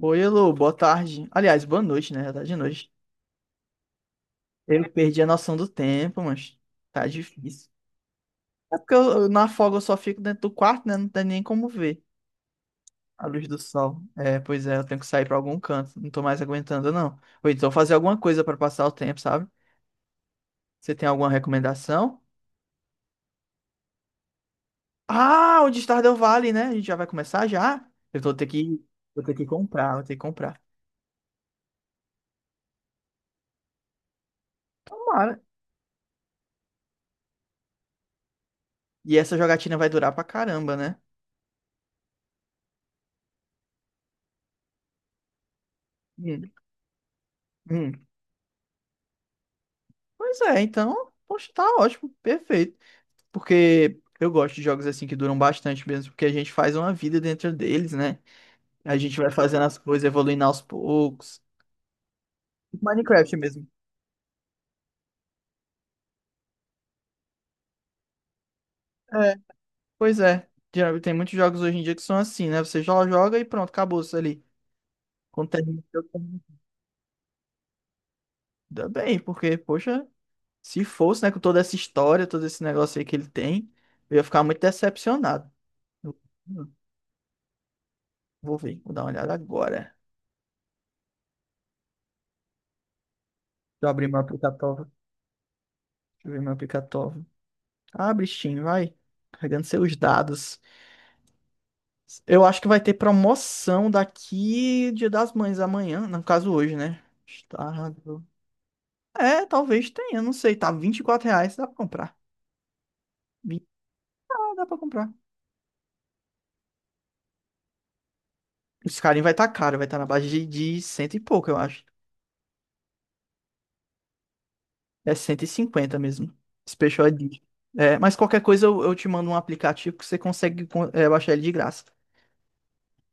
Oi, elo, boa tarde. Aliás, boa noite, né? Já tá de noite. Eu perdi a noção do tempo, mas tá difícil. É porque eu na folga eu só fico dentro do quarto, né? Não tem nem como ver a luz do sol. É, pois é, eu tenho que sair pra algum canto. Não tô mais aguentando, não. Ou então fazer alguma coisa pra passar o tempo, sabe? Você tem alguma recomendação? Ah, o de Stardew Valley, né? A gente já vai começar já? Eu vou ter que comprar, vou ter que comprar. Tomara. E essa jogatina vai durar pra caramba, né? Hum, hum. Pois é, então, poxa, tá ótimo, perfeito. Porque eu gosto de jogos assim que duram bastante mesmo, porque a gente faz uma vida dentro deles, né? A gente vai fazendo as coisas, evoluindo aos poucos. Minecraft mesmo. É, pois é. Já tem muitos jogos hoje em dia que são assim, né? Você já joga e pronto, acabou isso ali. Quando termina, o jogo, termina. Ainda bem, porque, poxa, se fosse, né, com toda essa história, todo esse negócio aí que ele tem, eu ia ficar muito decepcionado. Eu- Vou ver, vou dar uma olhada agora. Deixa eu abrir meu aplicativo. Deixa eu ver meu aplicativo. Abre Steam, vai. Carregando seus dados. Eu acho que vai ter promoção daqui Dia das Mães amanhã. No caso, hoje, né? Estado. É, talvez tenha, não sei. Tá R$ 24 reais, dá pra comprar. Vi- Ah, dá pra comprar. Esse carinho vai estar tá caro, vai estar tá na base de cento e pouco, eu acho. É 150 mesmo. Special Edition. É, mas qualquer coisa eu te mando um aplicativo que você consegue baixar ele de graça.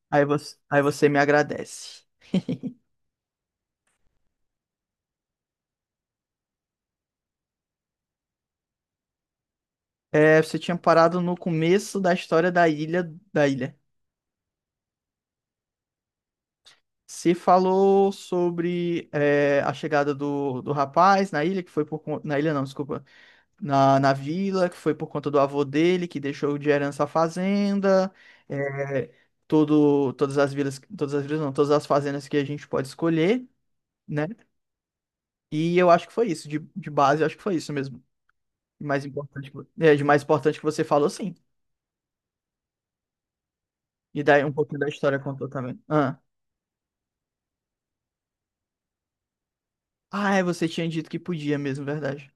Aí você me agradece. É, você tinha parado no começo da história da ilha, da ilha. Você falou sobre é, a chegada do rapaz na ilha, que foi por conta. Na ilha não, desculpa. Na, na vila, que foi por conta do avô dele, que deixou de herança a fazenda. É, todas as vilas não, todas as fazendas que a gente pode escolher, né? E eu acho que foi isso. De base, eu acho que foi isso mesmo. De mais importante, de mais importante que você falou, sim. E daí um pouquinho da história contou também. Ah. Ah, é, você tinha dito que podia mesmo, verdade.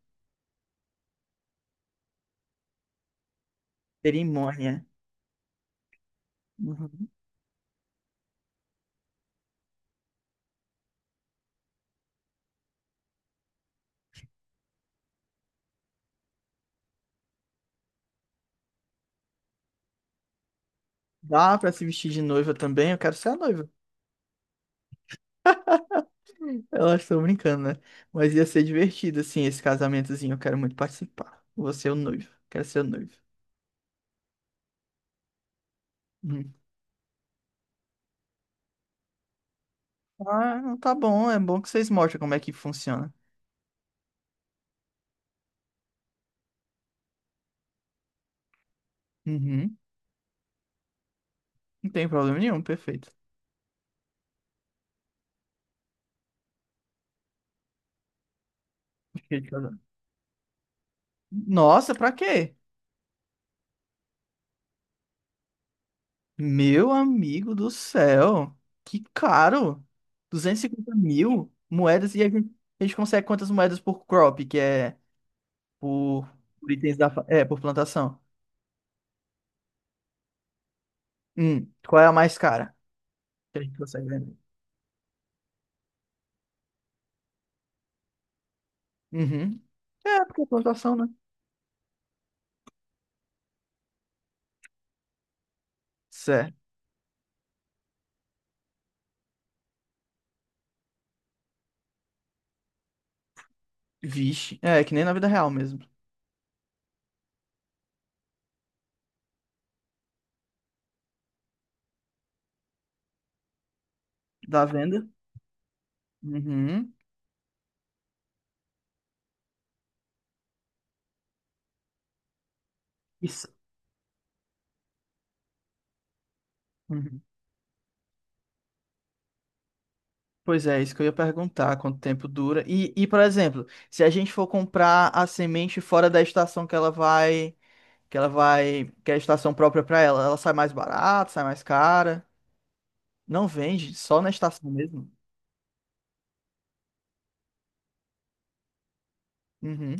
Cerimônia. Uhum. Dá pra se vestir de noiva também? Eu quero ser a noiva. Eu acho que tô brincando, né? Mas ia ser divertido, assim, esse casamentozinho. Eu quero muito participar. Você é o noivo. Quero ser o noivo. Uhum. Ah, tá bom. É bom que vocês mostram como é que funciona. Uhum. Não tem problema nenhum, perfeito. Fiquei de casar. Nossa, pra quê? Meu amigo do céu, que caro! 250.000 moedas e a gente consegue quantas moedas por crop, que é por, por itens da, fa- é, por plantação? Qual é a mais cara que a gente consegue vender? Uhum. É, porque é plantação, né? Certo. Vixe, é que nem na vida real mesmo. Da venda? Uhum. Isso. Uhum. Pois é, isso que eu ia perguntar, quanto tempo dura. E, por exemplo, se a gente for comprar a semente fora da estação que ela vai. Que ela vai. Que é a estação própria pra ela. Ela sai mais barata, sai mais cara. Não vende, só na estação mesmo. Uhum.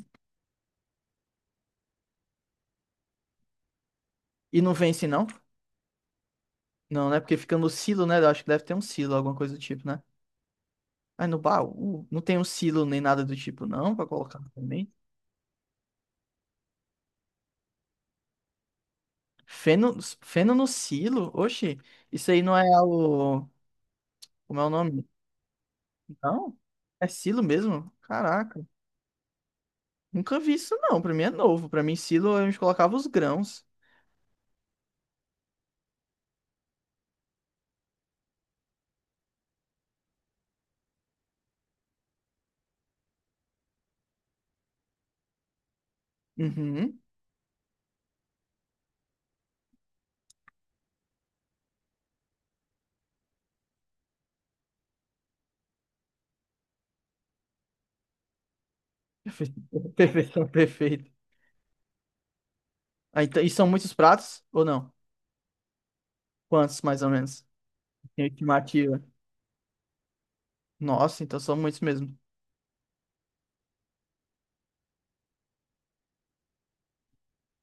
E não vence, não? Não, né? Porque fica no silo, né? Eu acho que deve ter um silo, alguma coisa do tipo, né? Aí no baú, não tem um silo nem nada do tipo, não, pra colocar também. Feno, feno no silo? Oxi, isso aí não é o. Como é o nome? Não? É silo mesmo? Caraca. Nunca vi isso, não. Pra mim é novo. Pra mim, silo, a gente colocava os grãos. Uhum. Perfeição, perfeita. Ah, então, e são muitos pratos ou não? Quantos, mais ou menos? Tem estimativa. Nossa, então são muitos mesmo.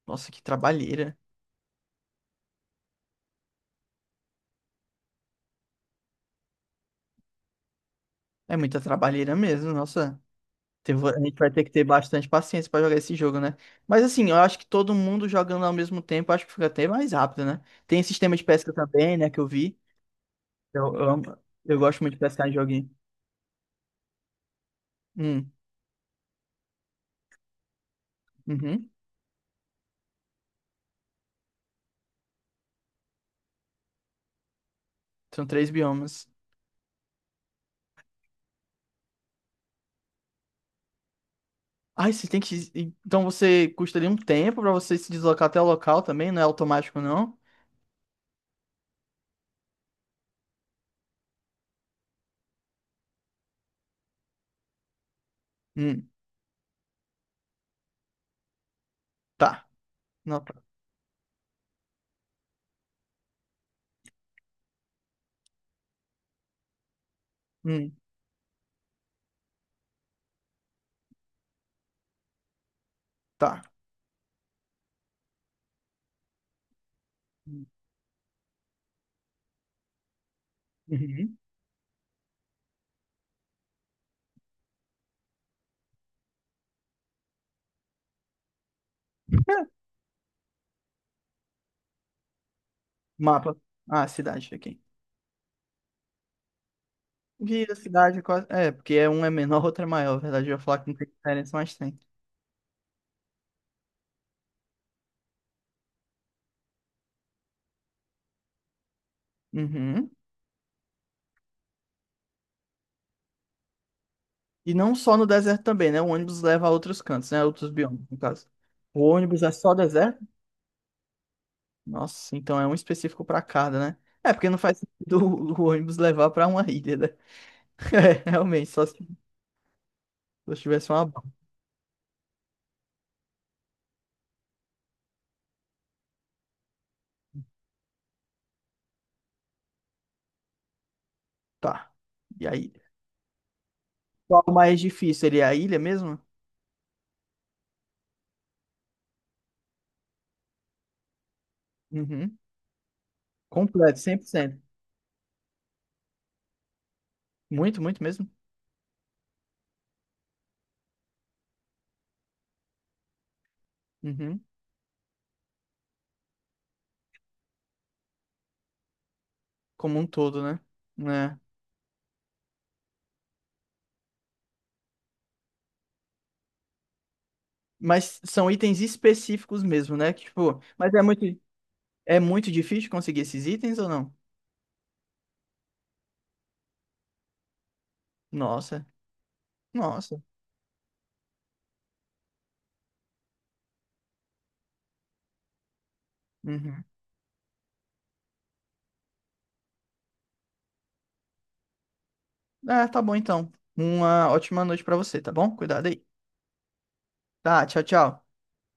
Nossa, que trabalheira. É muita trabalheira mesmo, nossa. A gente vai ter que ter bastante paciência pra jogar esse jogo, né? Mas assim, eu acho que todo mundo jogando ao mesmo tempo, acho que fica até mais rápido, né? Tem sistema de pesca também, né, que eu vi. Eu, eu amo- eu gosto muito de pescar em joguinho. Hum, uhum. São três biomas. Ai, você tem que. Então você custa ali um tempo pra você se deslocar até o local também, não é automático, não? Hum, tá. Nota. Hum, tá. Uhum. Mapa. Ah, cidade aqui. Guia, cidade, quase. É, é, porque é um é menor, outro é maior. Na verdade, eu ia falar que não tem diferença, mas tem. Uhum. E não só no deserto também, né? O ônibus leva a outros cantos, né? Outros biomas, no caso. O ônibus é só deserto? Nossa, então é um específico para cada, né? É, porque não faz sentido o ônibus levar para uma ilha, né? É, realmente, só se só tivesse uma barca. Tá. E aí? Qual é o mais difícil? Ele é a ilha mesmo? Uhum. Completo, 100%. Muito, muito mesmo. Uhum. Como um todo, né? Né? Mas são itens específicos mesmo, né? Que, tipo, mas é muito difícil conseguir esses itens ou não? Nossa, nossa. Uhum. Ah, tá bom então. Uma ótima noite pra você, tá bom? Cuidado aí. Tá, tchau, tchau.